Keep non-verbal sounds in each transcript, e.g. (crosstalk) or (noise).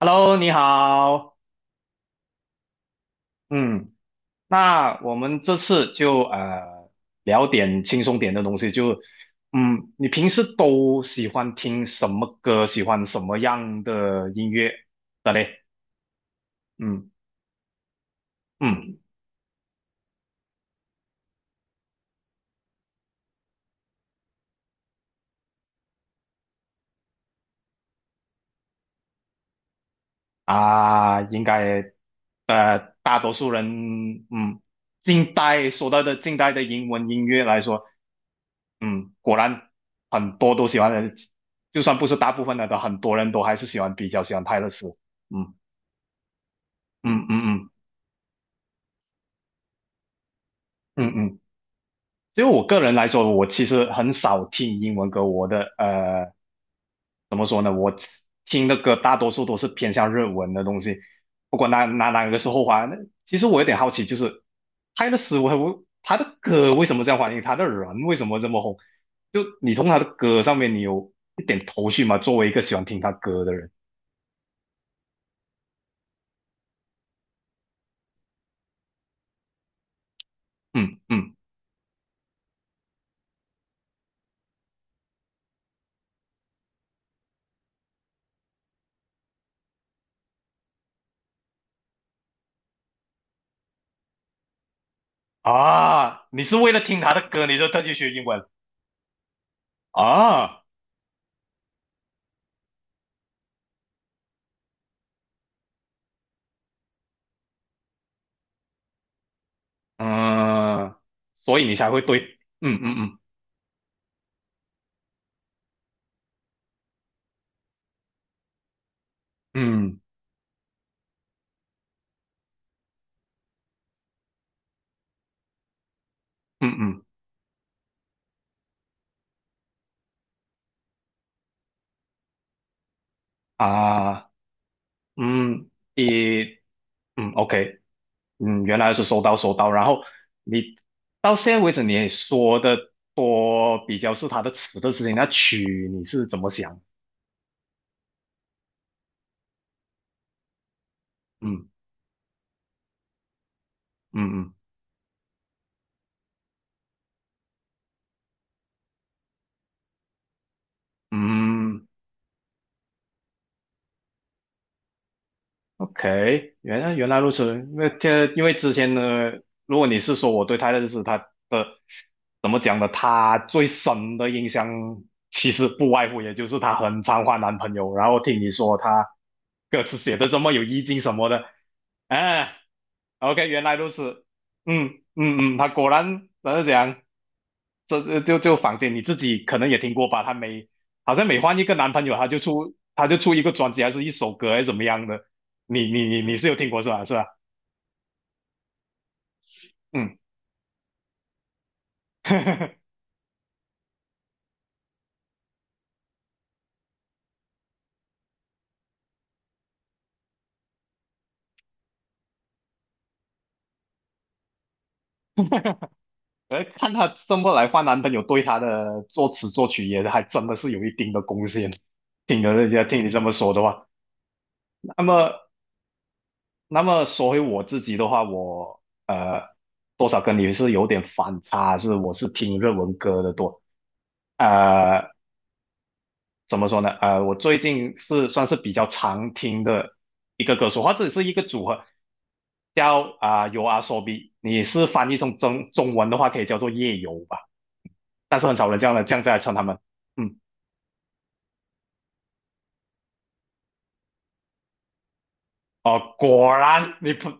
Hello，你好，嗯，那我们这次就聊点轻松点的东西，你平时都喜欢听什么歌，喜欢什么样的音乐的嘞？嗯嗯。啊，应该大多数人近代说到的近代的英文音乐来说，嗯，果然很多都喜欢的，就算不是大部分的，很多人都还是比较喜欢泰勒斯，嗯。嗯嗯嗯嗯嗯，就我个人来说，我其实很少听英文歌，怎么说呢？我听的歌大多数都是偏向日文的东西，不管哪个是后话。那其实我有点好奇，就是泰勒斯威他的歌为什么这样欢迎，他的人为什么这么红？就你从他的歌上面，你有一点头绪吗？作为一个喜欢听他歌的人，嗯嗯。啊，你是为了听他的歌，你就特地学英文啊？嗯，所以你才会对，嗯嗯嗯嗯嗯嗯啊，嗯，一，嗯，OK，嗯，原来是收到收到，然后你到现在为止你也说的多比较是他的词的事情，那曲你是怎么想？嗯嗯嗯嗯。OK，原来如此。因为之前呢，如果你是说我对他的认识，他的怎么讲呢？他最深的印象其实不外乎也就是他很常换男朋友，然后听你说他歌词写的这么有意境什么的，哎、o k 原来如此。嗯嗯嗯，他果然怎么讲？这就房间你自己可能也听过吧？好像每换一个男朋友，她就出一个专辑，还是一首歌，还是怎么样的？你是有听过是吧？是吧？嗯，(laughs) 看她这么来换男朋友，对她的作词作曲也还真的是有一定的贡献。听了人家听你这么说的话，那么说回我自己的话，我多少跟你是有点反差，是我是听日文歌的多。呃，怎么说呢？我最近是算是比较常听的一个歌手，或者是一个组合，叫游阿 b 比。你是翻译成中文的话，可以叫做夜游吧，但是很少人这样的这样子来称他们。嗯，哦，果然你不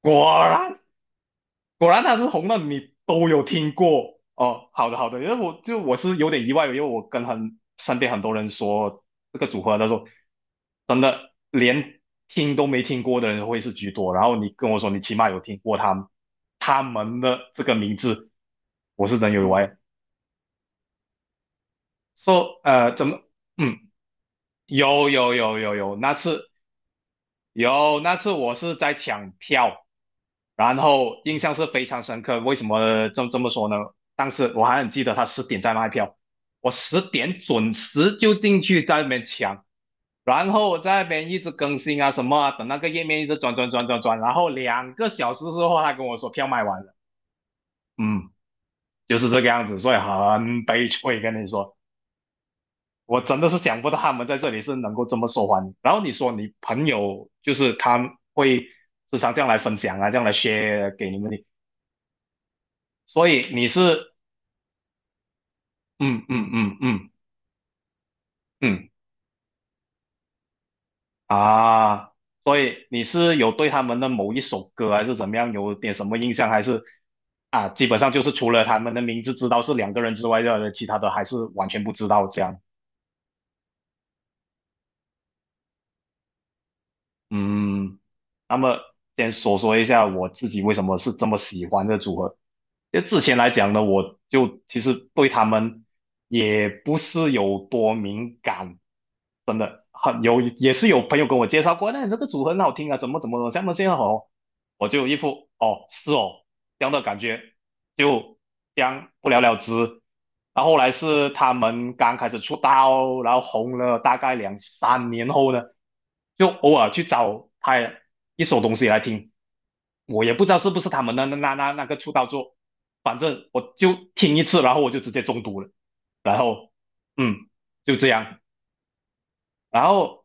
果然果然他是红的，你都有听过哦。好的好的，因为我就我是有点意外，因为我跟身边很多人说这个组合，他说真的连听都没听过的人会是居多。然后你跟我说你起码有听过他们的这个名字，我是真有意外。说、呃怎么嗯有有有有有那次有那次我是在抢票。然后印象是非常深刻。为什么这么说呢？当时我还很记得他十点在卖票，我十点准时就进去在那边抢，然后在那边一直更新啊什么啊，等那个页面一直转转转转转，然后2个小时之后他跟我说票卖完了，嗯，就是这个样子，所以很悲催，跟你说。我真的是想不到他们在这里是能够这么受欢迎。然后你说你朋友就是他会时常这样来分享啊，这样来 share 给你们的，所以你是嗯嗯嗯嗯嗯啊，所以你是有对他们的某一首歌还是怎么样有点什么印象，还是啊，基本上就是除了他们的名字知道是两个人之外的，其他的还是完全不知道这样。嗯，那么先说说一下我自己为什么是这么喜欢这组合。就之前来讲呢，我就其实对他们也不是有多敏感，真的也是有朋友跟我介绍过，那你这个组合很好听啊，怎么怎么怎么，这么这样好，我就一副哦是哦这样的感觉，就这样不了了之。然后后来是他们刚开始出道，然后红了大概两三年后呢，就偶尔去找他一首东西来听。我也不知道是不是他们的那个出道作，反正我就听一次，然后我就直接中毒了。然后，嗯，就这样。然后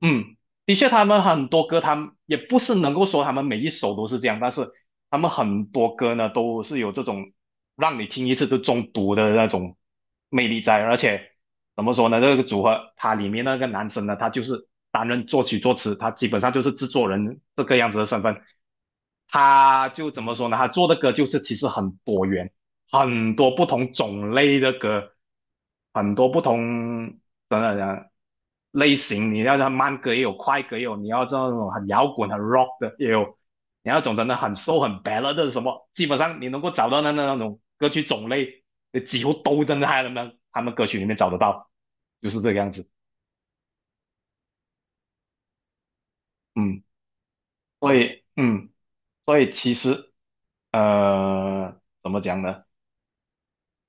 嗯，的确，他们很多歌，他们也不是能够说他们每一首都是这样，但是他们很多歌呢，都是有这种让你听一次就中毒的那种魅力在。而且怎么说呢，这个组合它里面那个男生呢，他就是担任作曲作词，他基本上就是制作人这个样子的身份。他就怎么说呢？他做的歌就是其实很多元，很多不同种类的歌，很多不同等等等类型，你要它慢歌也有，快歌也有，你要这种很摇滚、很 rock 的也有，你要种真的很 s o 很 ballad 的什么，基本上你能够找到的那种歌曲种类，你几乎都真的在他们歌曲里面找得到，就是这个样子。嗯，所以嗯，所以其实怎么讲呢？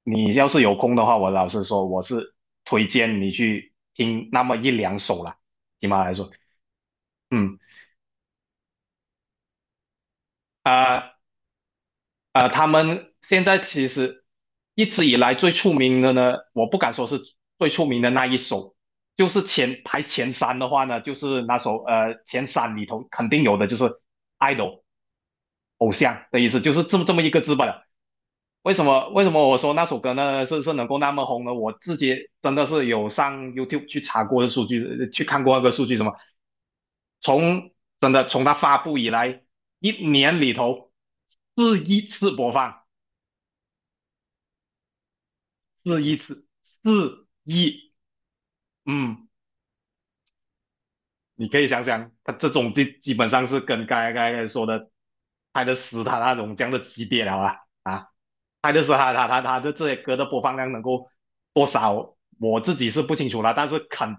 你要是有空的话，我老实说，我是推荐你去听那么一两首啦，起码来说，嗯啊。他们现在其实一直以来最出名的呢，我不敢说是最出名的那一首，就是前排前三的话呢，就是那首前三里头肯定有的就是 idol 偶像的意思，就是这么一个字罢了为什么我说那首歌呢是是能够那么红呢？我自己真的是有上 YouTube 去查过的数据，去看过那个数据什么，从真的从它发布以来一年里头是一次播放。四一次四一，嗯，你可以想想，他这种基本上是跟刚才说的泰的《死他那种这样的级别了啊啊，泰的《死他的这些歌的播放量能够多少，我自己是不清楚啦，但是肯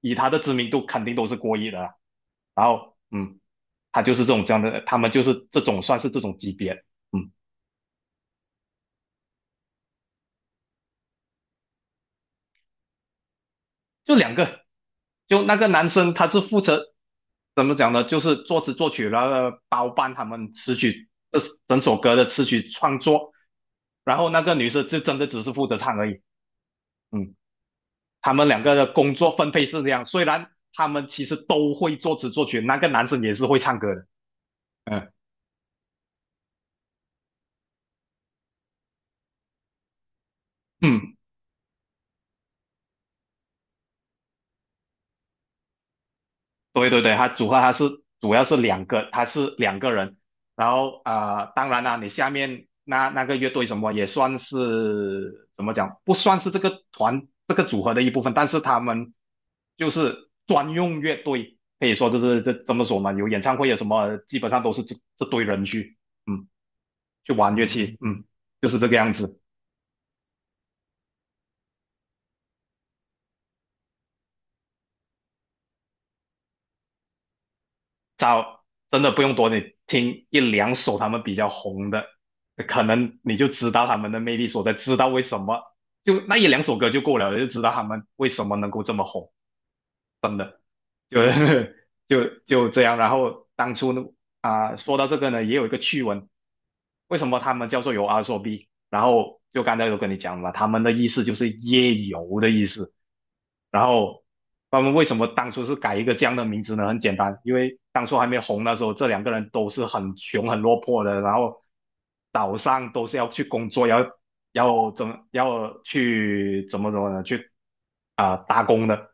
以他的知名度肯定都是过亿的啦，然后嗯，他就是这种这样的，他们就是这种算是这种级别，嗯。就两个，就那个男生他是负责怎么讲呢？就是作词作曲，然后包办他们词曲这整首歌的词曲创作，然后那个女生就真的只是负责唱而已。嗯，他们两个的工作分配是这样，虽然他们其实都会作词作曲，那个男生也是会唱歌的。嗯嗯，对对对，他组合他是主要是两个，他是两个人。然后当然啦，你下面那个乐队什么也算是怎么讲，不算是这个团这个组合的一部分，但是他们就是专用乐队，可以说就是这么说嘛，有演唱会有什么，基本上都是这堆人去嗯去玩乐器，嗯，就是这个样子。找真的不用多，你听一两首他们比较红的，可能你就知道他们的魅力所在，知道为什么就那一两首歌就够了，就知道他们为什么能够这么红。就 (laughs) 就这样。然后当初呢，说到这个呢，也有一个趣闻，为什么他们叫做有阿说 B？然后就刚才有跟你讲了，他们的意思就是夜游的意思。然后他们为什么当初是改一个这样的名字呢？很简单，因为当初还没红的时候，这两个人都是很穷、很落魄的，然后早上都是要去工作，要怎么要去怎么呢？去打工的，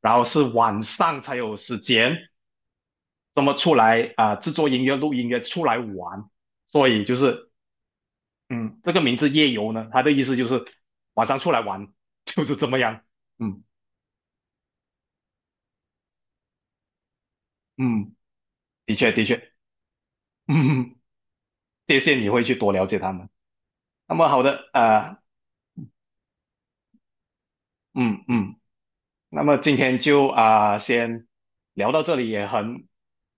然后是晚上才有时间这么出来制作音乐、录音乐出来玩，所以就是嗯，这个名字夜游呢，它的意思就是晚上出来玩，就是这么样。嗯嗯，的确的确，嗯，谢谢你会去多了解他们。那么好的，嗯嗯，那么今天就先聊到这里，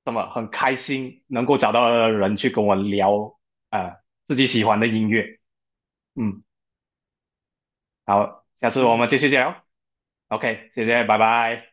那么很开心能够找到人去跟我聊啊、呃自己喜欢的音乐，嗯。好，下次我们继续聊。OK，谢谢，拜拜。